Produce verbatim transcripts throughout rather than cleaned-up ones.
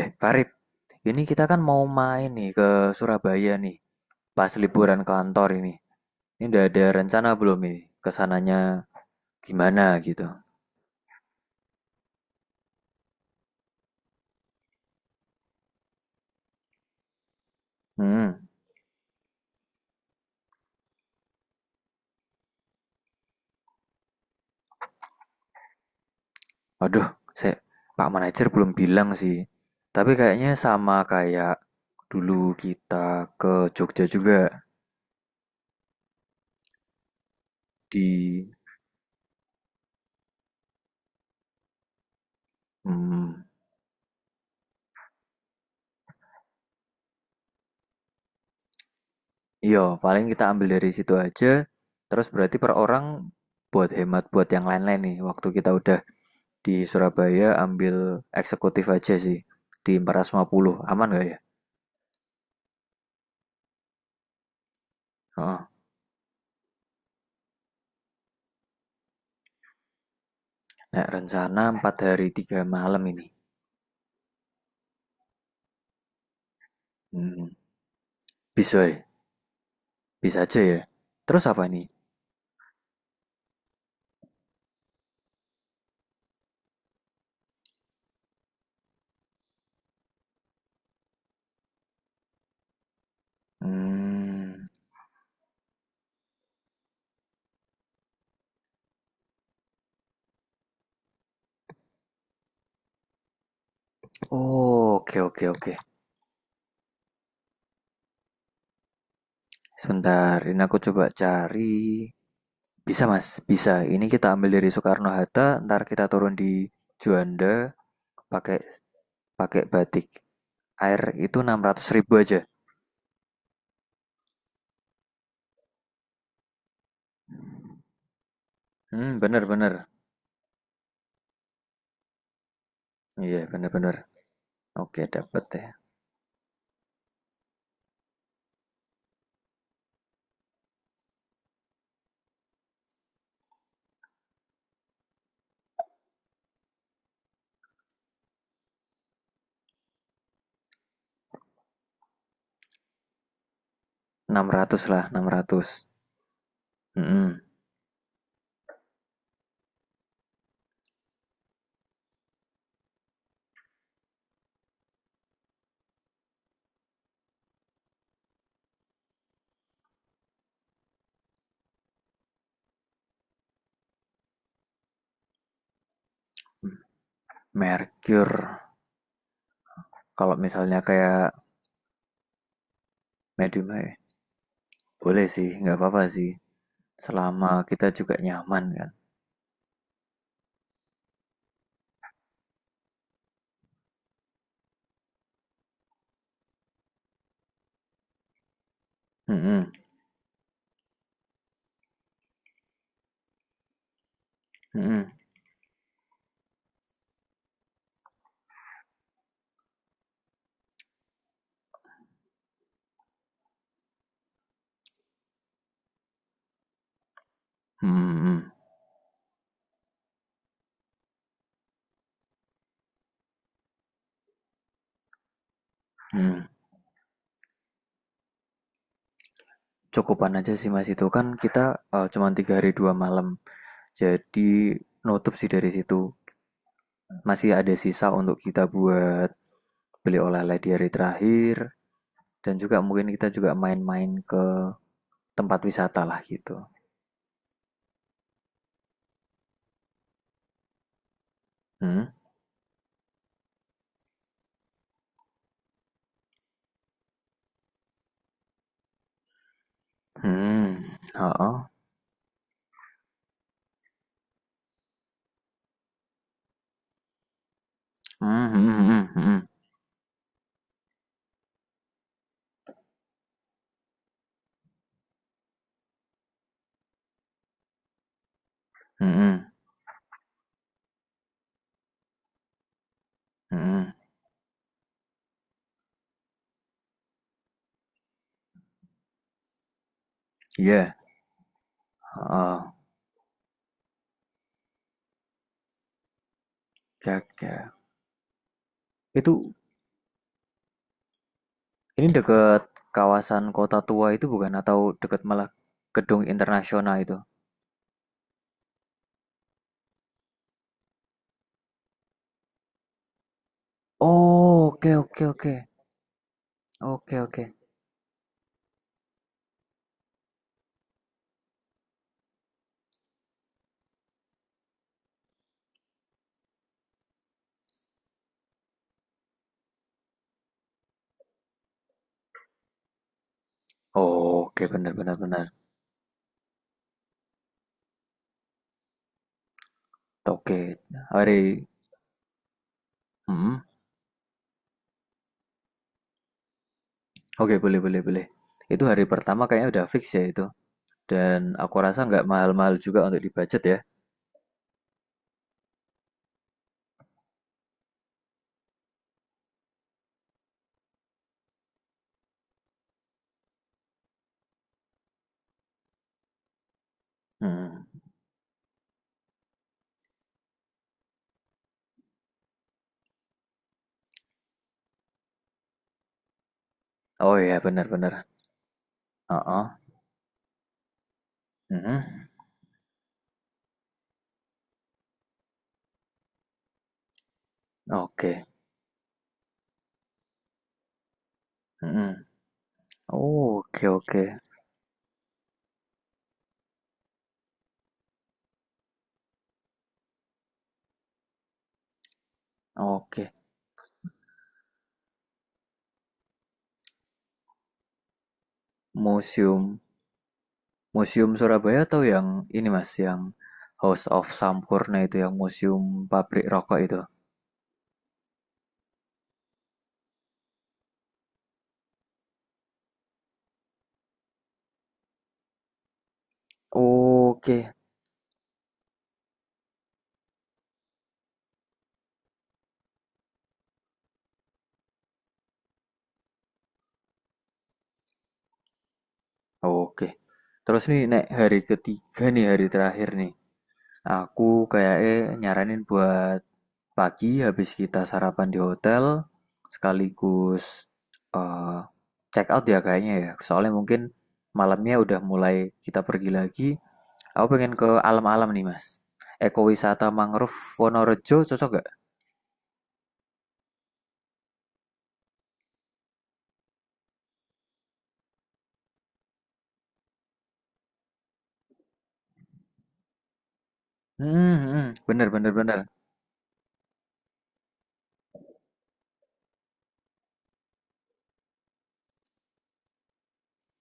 Eh, Farid, ini kita kan mau main nih ke Surabaya nih, pas liburan kantor ini. Ini udah ada rencana belum ini? Kesananya gimana gitu? Hmm, aduh, saya, Pak Manajer belum bilang sih. Tapi kayaknya sama kayak dulu kita ke Jogja juga di, hmm, iya, paling kita ambil dari situ aja. Terus berarti per orang buat hemat buat yang lain-lain nih. Waktu kita udah di Surabaya ambil eksekutif aja sih, di empat ratus lima puluh. Aman gak ya? Oh. Nah, rencana empat hari tiga malam ini. Hmm, bisa ya? Bisa aja ya? Terus apa nih? Hmm, oh, oke oke oke. Sebentar, ini aku coba cari. Bisa mas, bisa. Ini kita ambil dari Soekarno-Hatta, ntar kita turun di Juanda, pakai pakai batik. Air itu enam ratus ribu aja. Hmm, bener bener. Iya, bener bener. Oke, dapat ya. Enam ratus lah, enam ratus. Mhm. Merkur. Kalau misalnya kayak medium ya, boleh sih, nggak apa-apa sih. Selama kita juga nyaman kan. Mhm, mhm, mhm, mhm, mhm. Cukupan aja sih Mas, itu kan kita eh, cuma tiga hari dua malam. Jadi nutup sih dari situ. Masih ada sisa untuk kita buat beli oleh-oleh di hari terakhir dan juga mungkin kita juga main-main ke tempat wisata lah gitu. Hmm. Mhm, heeh, hmm, hmm, hmm, hmm, hmm, mhm, iya, heeh, Jogja. Itu ini dekat kawasan kota tua itu bukan, atau dekat malah gedung internasional itu? Oh, oke oke oke, oke oke. Oke, benar-benar, benar, benar. Oke. Hari hmm, oke boleh boleh boleh. Itu hari pertama kayaknya udah fix ya itu, dan aku rasa nggak mahal-mahal juga untuk di-budget ya? Hmm, oh iya benar-benar, heeh, mhm. Oke, mhm. Oh, oke oke. Oke. Museum Museum Surabaya atau yang ini Mas, yang House of Sampurna itu yang museum pabrik rokok itu? Oke, oke. Terus nih, Nek, hari ketiga nih, hari terakhir nih. Aku kayaknya nyaranin buat pagi habis kita sarapan di hotel, sekaligus eh, check out ya kayaknya ya. Soalnya mungkin malamnya udah mulai kita pergi lagi. Aku pengen ke alam-alam nih, Mas. Ekowisata mangrove Wonorejo cocok gak? Hmm, hmm, bener, bener, bener.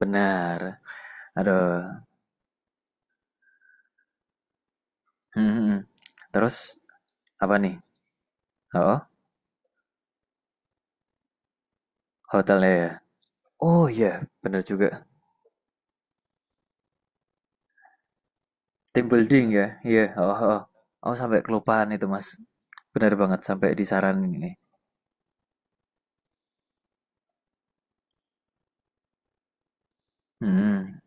Bener. Aduh. Hmm, hmm, hmm. Terus, apa nih? Oh, hotelnya ya? Oh iya, bener juga. Team building ya? Iya, oh, oh. Oh, sampai kelupaan itu, Mas. Bener banget, sampai disaranin ini. Hmm, hmm.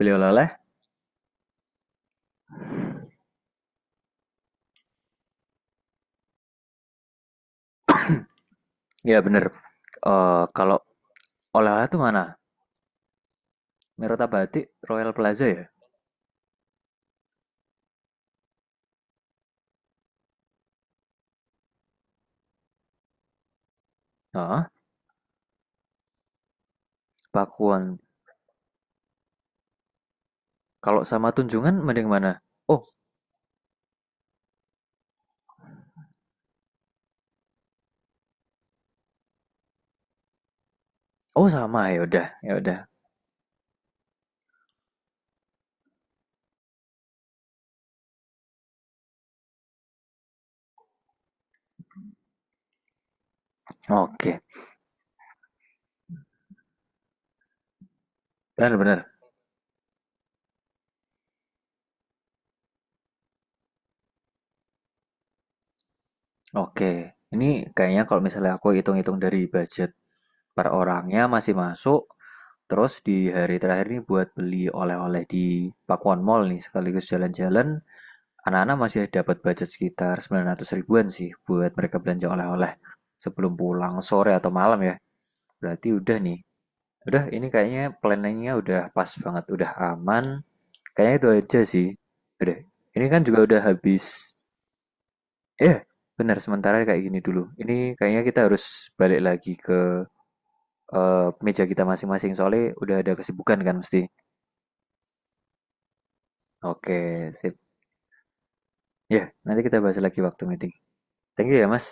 Beli oleh-oleh? Ya, bener. Eh, kalau oleh-oleh tuh mana? Merota Batik, Royal Plaza ya? Oh, Pakuan. Kalau sama Tunjungan mending mana? Oh, oh sama ya udah, ya udah. Oke. Benar-benar. Oke. Ini kayaknya kalau misalnya aku hitung-hitung dari budget per orangnya masih masuk. Terus di hari terakhir ini buat beli oleh-oleh di Pakuan Mall nih sekaligus jalan-jalan. Anak-anak masih dapat budget sekitar sembilan ratus ribuan sih buat mereka belanja oleh-oleh sebelum pulang sore atau malam ya. Berarti udah nih. Udah, ini kayaknya planningnya udah pas banget, udah aman. Kayaknya itu aja sih. Udah, ini kan juga udah habis. Eh, benar sementara kayak gini dulu. Ini kayaknya kita harus balik lagi ke eh, meja kita masing-masing soalnya udah ada kesibukan kan mesti. Oke, sip. Ya, nanti kita bahas lagi waktu meeting. Thank you ya, Mas.